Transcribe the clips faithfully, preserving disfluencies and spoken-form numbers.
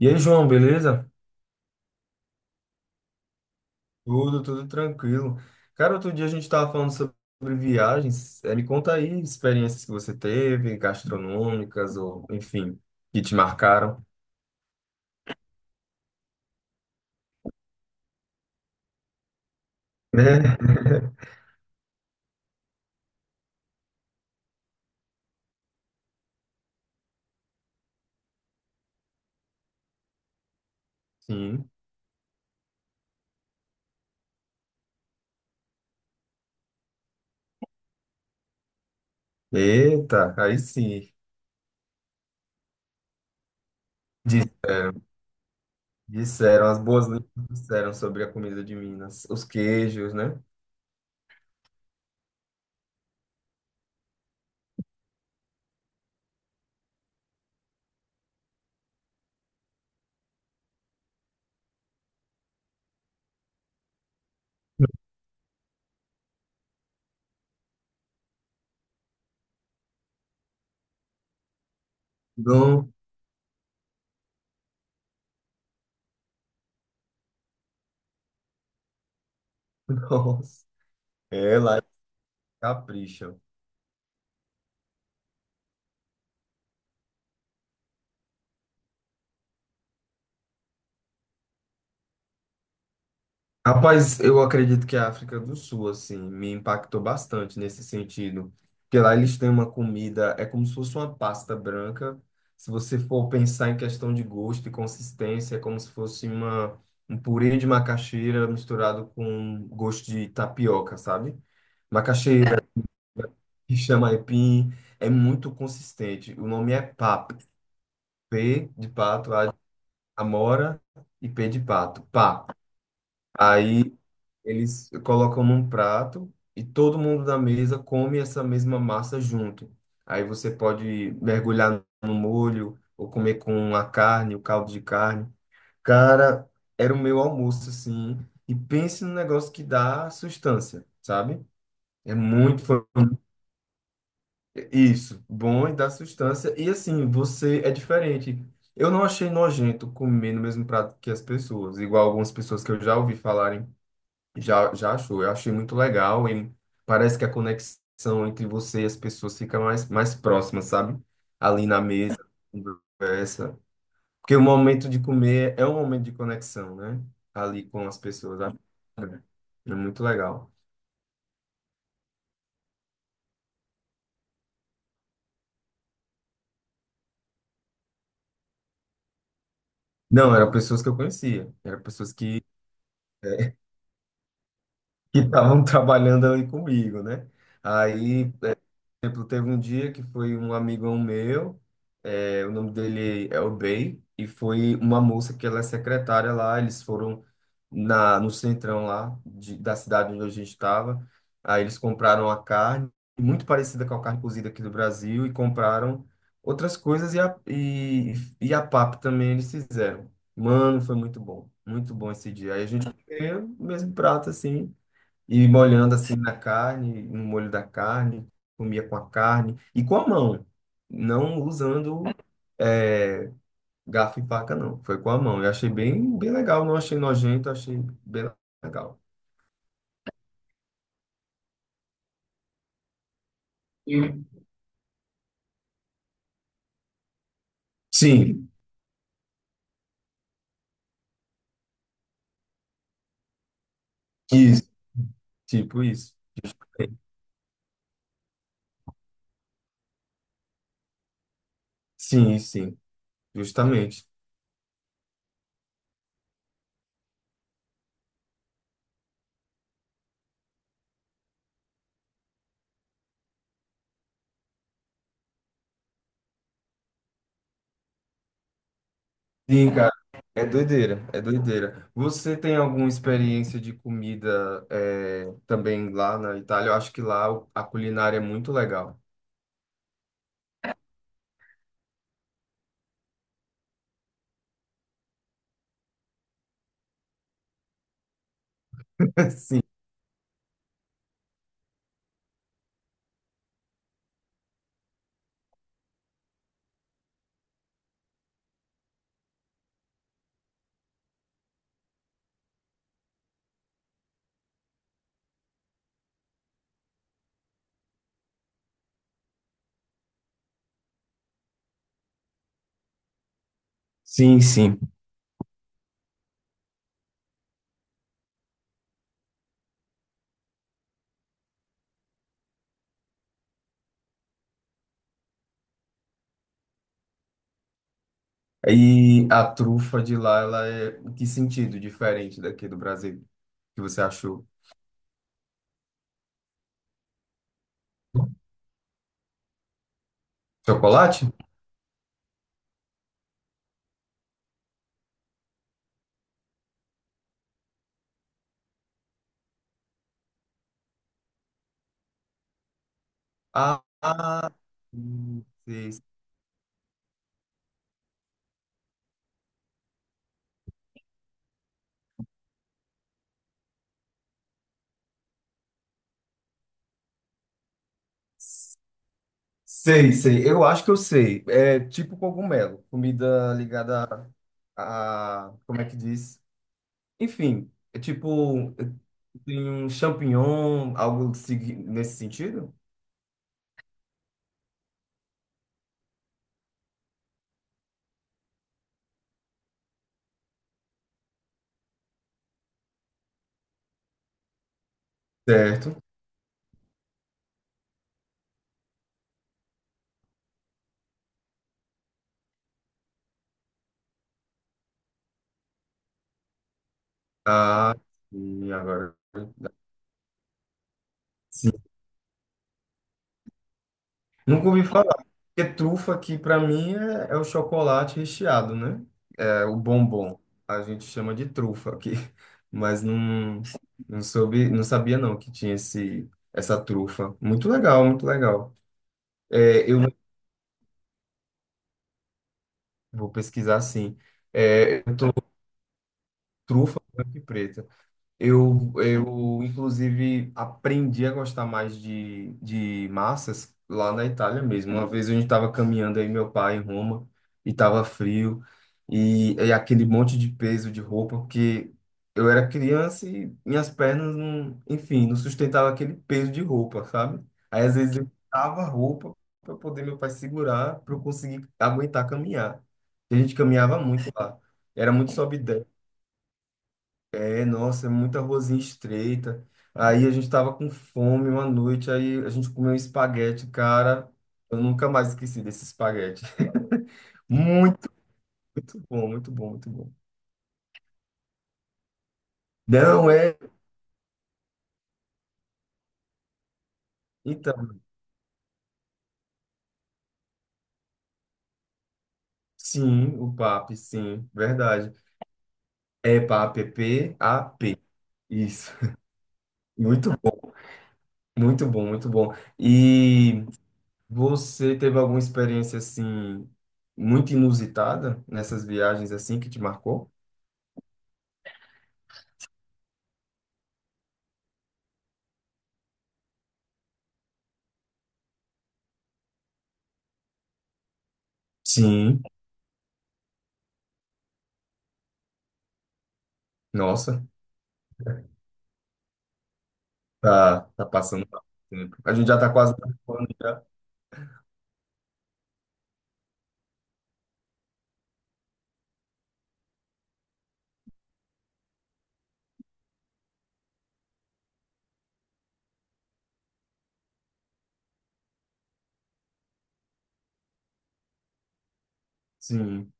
E aí, João, beleza? Tudo, tudo tranquilo. Cara, outro dia a gente estava falando sobre viagens. Eh, Me conta aí experiências que você teve, gastronômicas ou, enfim, que te marcaram. Né? Sim. Eita, aí sim. Di- Disseram, as boas línguas disseram sobre a comida de Minas. Os queijos, né? Não, nossa. É, lá eles capricham. Rapaz, eu acredito que a África do Sul, assim, me impactou bastante nesse sentido. Porque lá eles têm uma comida, é como se fosse uma pasta branca. Se você for pensar em questão de gosto e consistência, é como se fosse uma, um purê de macaxeira misturado com gosto de tapioca, sabe? Macaxeira, que chama aipim, é muito consistente. O nome é pap. P de pato, A de amora e P de pato. Pap. Aí. Eles colocam num prato e todo mundo da mesa come essa mesma massa junto. Aí você pode mergulhar no molho ou comer com a carne, o caldo de carne. Cara, era o meu almoço, assim. E pense num negócio que dá sustância, sabe? É muito fo- isso, bom e dá sustância. E assim, você é diferente. Eu não achei nojento comer no mesmo prato que as pessoas, igual algumas pessoas que eu já ouvi falarem já, já achou, eu achei muito legal e parece que a conexão entre você e as pessoas fica mais, mais próxima, sabe? Ali na mesa, conversa. Porque o momento de comer é um momento de conexão, né? Ali com as pessoas, sabe? É muito legal. Não, eram pessoas que eu conhecia, eram pessoas que que estavam trabalhando ali comigo, né? Aí exemplo, teve um dia que foi um amigão meu, é, o nome dele é Obey, e foi uma moça que ela é secretária lá, eles foram na, no centrão lá de, da cidade onde a gente estava, aí eles compraram a carne, muito parecida com a carne cozida aqui do Brasil, e compraram outras coisas, e a, e, e a papa também eles fizeram. Mano, foi muito bom, muito bom esse dia. Aí a gente comeu o mesmo prato, assim, e molhando assim na carne, no molho da carne, comia com a carne e com a mão, não usando é, garfo e faca, não. Foi com a mão. Eu achei bem, bem legal, não achei nojento, achei bem legal. Sim, isso, tipo isso. Sim, sim, justamente. Sim, cara, é doideira, é doideira. Você tem alguma experiência de comida é, também lá na Itália? Eu acho que lá o- a culinária é muito legal. Sim, sim, sim. E a trufa de lá, ela é em que sentido diferente daqui do Brasil? Que você achou? Chocolate? Ah, hum, sei, sei, sei. Eu acho que eu sei. É tipo cogumelo, comida ligada a, a- como é que diz? Enfim, é tipo tem um champignon, algo segui- nesse sentido? Certo. Ah, sim, agora. Nunca ouvi falar. Porque trufa aqui para mim é, é o chocolate recheado, né? É o bombom. A gente chama de trufa aqui. Mas não, não soube, não sabia não que tinha esse, essa trufa. Muito legal, muito legal. É, eu vou pesquisar sim. É, eu tô trufa branca e preta. Eu, eu, inclusive, aprendi a gostar mais de, de massas lá na Itália mesmo. Uma vez a gente estava caminhando aí, meu pai, em Roma, e estava frio, e, e aquele monte de peso de roupa, porque eu era criança e minhas pernas, não, enfim, não sustentava aquele peso de roupa, sabe? Aí, às vezes, eu tava roupa para poder meu pai segurar, para eu conseguir aguentar caminhar. E a gente caminhava muito lá. Era muito sobe é, nossa, é muita ruazinha estreita. Aí a gente tava com fome uma noite, aí a gente comeu um espaguete, cara. Eu nunca mais esqueci desse espaguete. Muito, muito bom, muito bom, muito bom. Não é? Então, sim, o pê a pê, sim, verdade. É pê a pê, P-A-P. Isso. Muito bom, muito bom, muito bom. E você teve alguma experiência assim muito inusitada nessas viagens assim que te marcou? Sim. Nossa, tá, tá passando rápido o tempo. A gente já tá quase acabando já. Sim.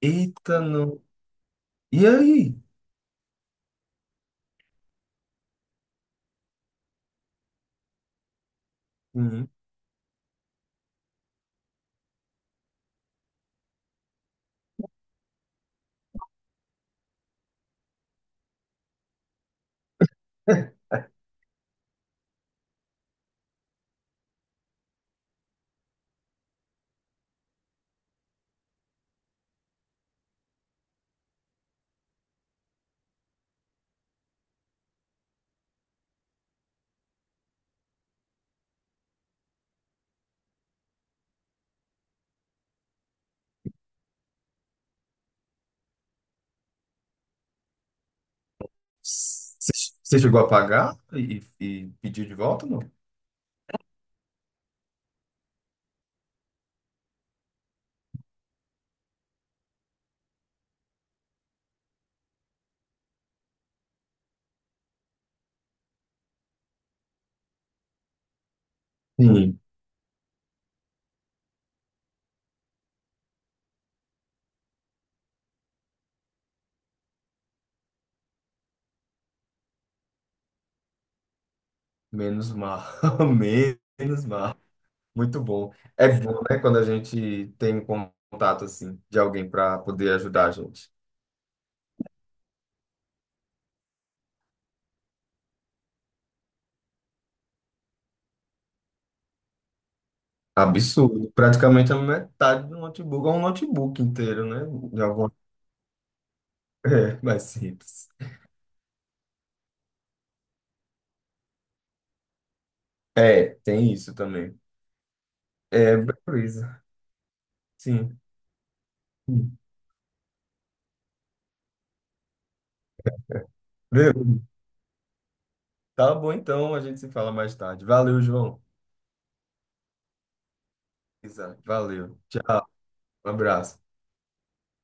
Eita, não. E aí? Uhum. Você você chegou a pagar e, e pediu de volta, não? Sim. Menos mal. Menos mal. Muito bom. É bom, né, quando a gente tem um contato assim de alguém para poder ajudar a gente. Absurdo. Praticamente a metade do notebook, ou um notebook inteiro, né? De alguma... É, mais simples. É, tem isso também. É, beleza. Sim. Beleza. Tá bom, então a gente se fala mais tarde. Valeu, João. Isa, valeu. Tchau. Um abraço.